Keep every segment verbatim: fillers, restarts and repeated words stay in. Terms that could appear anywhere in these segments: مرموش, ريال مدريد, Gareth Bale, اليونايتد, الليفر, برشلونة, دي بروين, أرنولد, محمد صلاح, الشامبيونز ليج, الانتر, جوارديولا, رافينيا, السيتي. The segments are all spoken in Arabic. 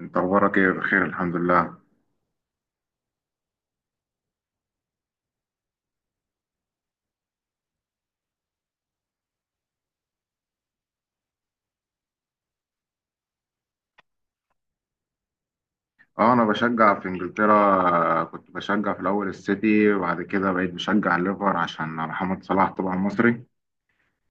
انت اخبارك ايه؟ بخير، الحمد لله. اه، انا بشجع في انجلترا. كنت بشجع في الاول السيتي، وبعد كده بقيت بشجع الليفر عشان محمد صلاح طبعا مصري.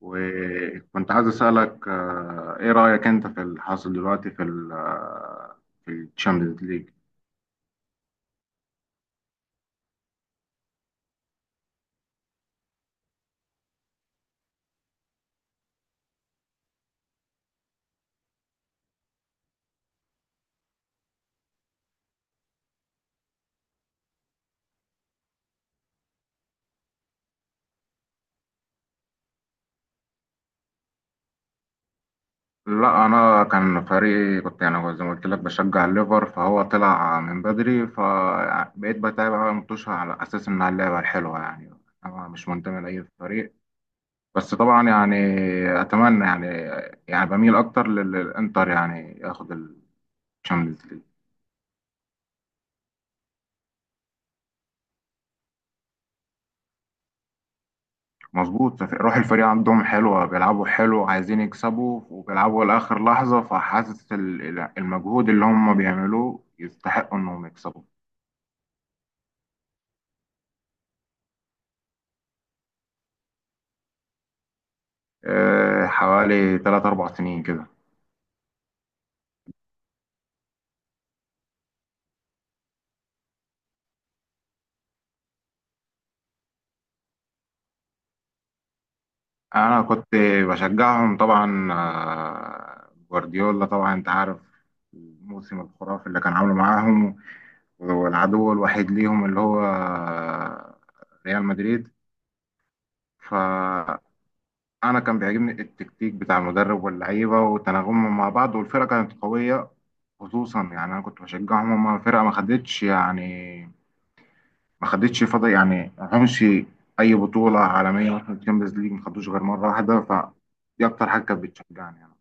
وكنت عايز اسالك، آه، ايه رايك انت في اللي حاصل دلوقتي في ال آه، في الشامبيونز ليج؟ لا، انا كان فريقي، كنت يعني زي ما قلت لك بشجع الليفر، فهو طلع من بدري، فبقيت بتابع بقى المطوشه على اساس انها اللعبه الحلوه يعني. انا مش منتمي لاي فريق، بس طبعا يعني اتمنى، يعني يعني بميل اكتر لل- للانتر يعني ياخد الشامبيونز ليج. مظبوط، روح الفريق عندهم حلوه، بيلعبوا حلو، عايزين يكسبوا وبيلعبوا لاخر لحظه، فحاسس ال- المجهود اللي هم بيعملوه يستحقوا انهم يكسبوا. آه، حوالي ثلاثة أربعة سنين كده. انا كنت بشجعهم طبعا. آه، جوارديولا طبعا انت عارف الموسم الخرافي اللي كان عامله معاهم، والعدو الوحيد ليهم اللي هو ريال مدريد. فأنا كان بيعجبني التكتيك بتاع المدرب واللعيبة وتناغمهم مع بعض، والفرقة كانت قوية. خصوصا يعني أنا كنت بشجعهم، هما فرقة ما خدتش يعني ما خدتش فضل يعني ما خدتش أي بطولة عالمية. مثلا الشامبيونز ليج ما خدوش غير مرة واحدة، فدي أكتر حاجة كانت بتشجعني يعني.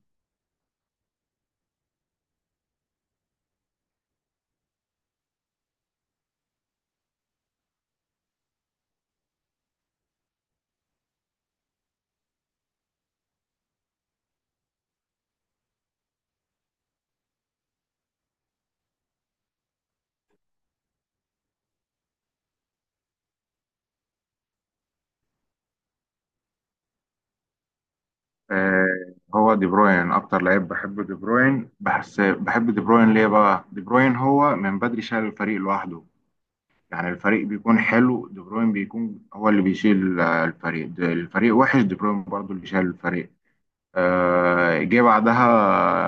آه، هو دي بروين اكتر لعيب بحبه. دي بروين، بحس بحب دي بروين. ليه بقى؟ دي بروين هو من بدري شايل الفريق لوحده. يعني الفريق بيكون حلو، دي بروين بيكون هو اللي بيشيل آه، الفريق. د- الفريق وحش، دي بروين برضو اللي شايل الفريق. آه، جه بعدها.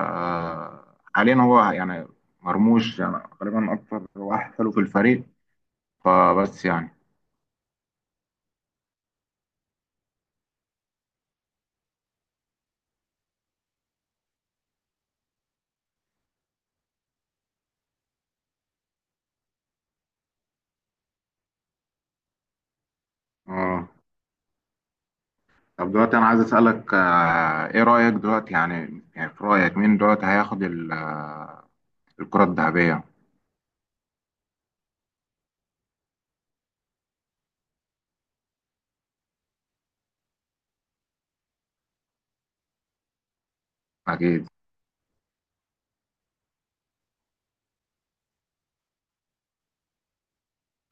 آه، حاليا هو يعني مرموش يعني غالبا اكتر واحد حلو في الفريق، فبس يعني. اه، طب دلوقتي انا عايز اسالك، آه، ايه رايك دلوقتي؟ يعني يعني في رايك مين دلوقتي هياخد ال- آه، الكره الذهبيه؟ اكيد.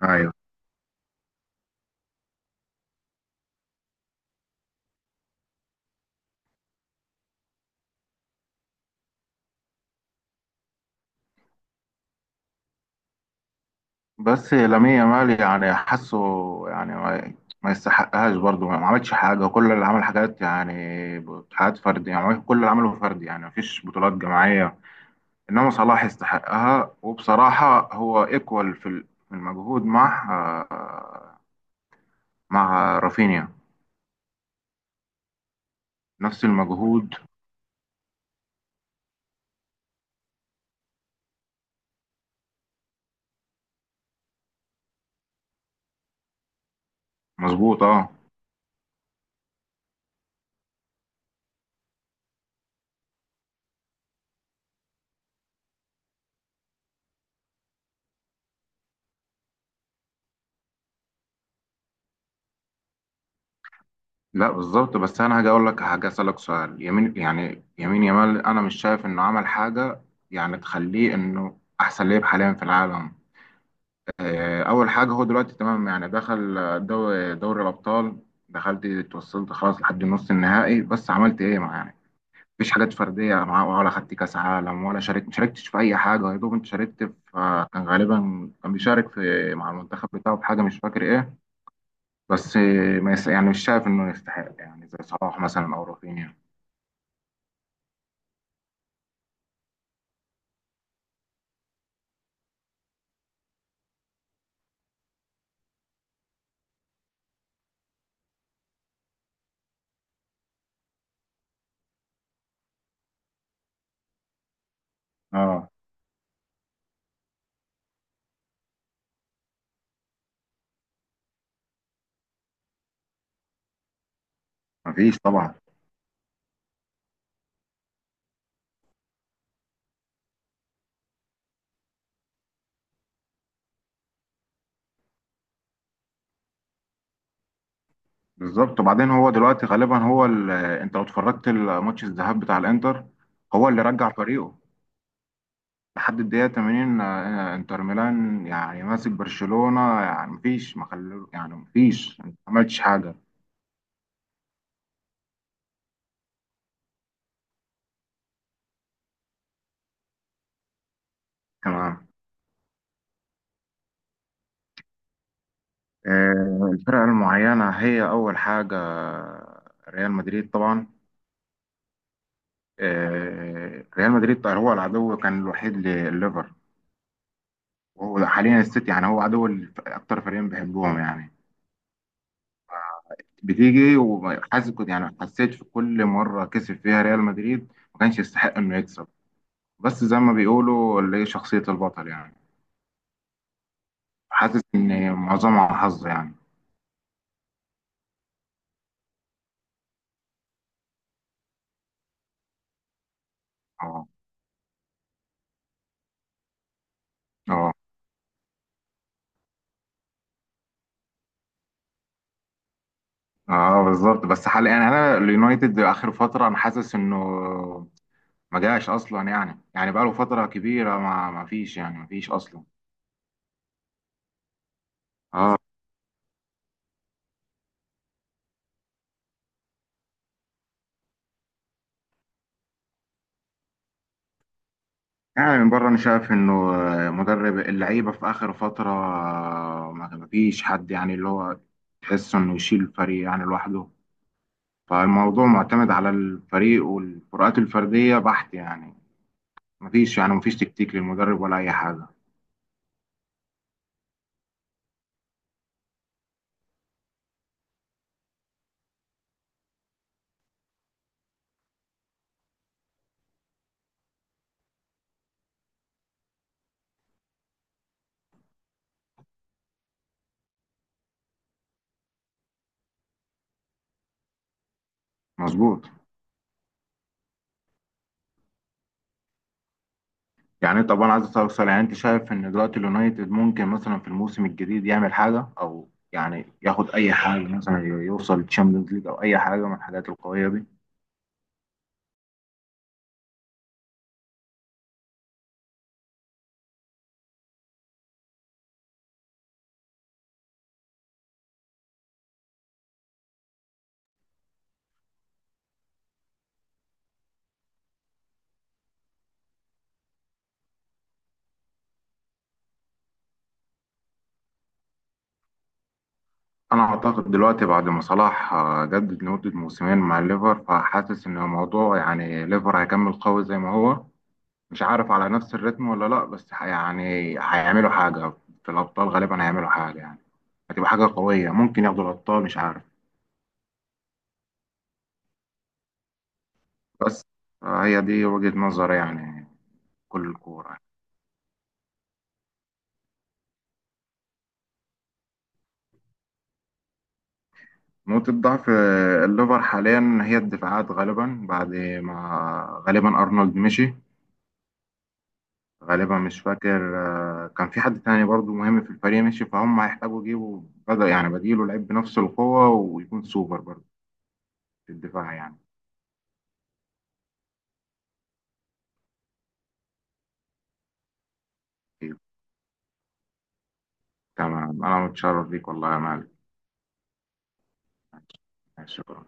ايوه. بس لامين يامال، يعني حاسه يعني ما, ما يستحقهاش برضه. ما عملش حاجة، كل اللي عمل حاجات يعني حاجات فردية. يعني عمل- كل اللي عمله فردي، يعني مفيش بطولات جماعية. إنما صلاح يستحقها، وبصراحة هو إيكوال في ال- في المجهود مع آه، مع رافينيا. نفس المجهود. مظبوط. اه. لا. بالظبط. بس أنا هاجي أقول لك حاجة، أسألك سؤال. يمين، يعني يمين يامال، أنا مش شايف إنه عمل حاجة، يعني تخليه إنه أحسن لعيب حاليا في العالم. آه، اول حاجه، هو دلوقتي تمام يعني دخل دوري دوري الابطال. دخلت اتوصلت خلاص لحد نص النهائي، بس عملت ايه مع؟ يعني مفيش حاجات فرديه معاه، ولا خدت كاس عالم، ولا شاركت ما شاركتش في اي حاجه. يا دوب انت شاركت في، آه، كان غالبا كان بيشارك في مع المنتخب بتاعه في حاجه، مش فاكر ايه. بس آه، ما يس... يعني مش شايف انه يستحق، يعني زي صلاح مثلا او رافينيا. اه. مفيش طبعا. بالظبط. وبعدين هو دلوقتي غالبا هو ال... انت لو اتفرجت الماتش الذهاب بتاع الانتر، هو اللي رجع فريقه لحد الدقيقة تمانين. آه، آه، انتر ميلان يعني ماسك برشلونة، يعني مفيش ما خلو يعني مفيش ما عملتش حاجة. تمام. آه، الفرق المعينة، هي أول حاجة ريال مدريد طبعا. آه، ريال مدريد هو العدو كان الوحيد لليفر. وهو حاليا السيتي. يعني هو عدو الف- أكتر فريقين بيحبوهم يعني. بتيجي وحاسس، كنت يعني حسيت في كل مرة كسب فيها ريال مدريد ما كانش يستحق إنه يكسب. بس زي ما بيقولوا اللي هي شخصية البطل يعني. حاسس ان معظمها حظ يعني. اه، اه، اه. بالظبط. بس حال يعني انا اليونايتد اخر فتره انا حاسس انه ما جاش اصلا، يعني يعني بقاله فتره كبيره ما ما فيش يعني ما فيش اصلا. اه، يعني من بره انا شايف انه مدرب اللعيبه في اخر فتره ما ما فيش حد، يعني اللي هو تحس انه يشيل الفريق يعني لوحده. فالموضوع معتمد على الفريق والفروقات الفرديه بحت، يعني ما فيش يعني ما فيش تكتيك للمدرب ولا اي حاجه. مظبوط. يعني طبعا عايز استفسر، يعني انت شايف ان دلوقتي اليونايتد ممكن مثلا في الموسم الجديد يعمل حاجه، او يعني ياخد اي حاجه مثلا يوصل تشامبيونز ليج او اي حاجه من الحاجات القويه دي؟ انا اعتقد دلوقتي بعد ما صلاح آه، جدد لمده موسمين مع الليفر، فحاسس ان الموضوع يعني ليفر هيكمل قوي زي ما هو. مش عارف على نفس الريتم ولا لا، بس ح- يعني هيعملوا حاجه في الابطال. غالبا هيعملوا حاجه يعني، هتبقى حاجه قويه، ممكن ياخدوا الابطال مش عارف. بس آه، هي دي وجهه نظري يعني، كل الكوره. نقطة ضعف آه، الليفر حاليا هي الدفاعات، غالبا بعد ما غالبا أرنولد مشي. غالبا مش فاكر، آه، كان في حد تاني برضو مهم في الفريق مشي، فهم هيحتاجوا يجيبوا بدأ يعني بديله لعيب بنفس القوة ويكون سوبر برضو في الدفاع يعني. تمام. أنا متشرف بيك والله يا مالك. ماشي. شكرا.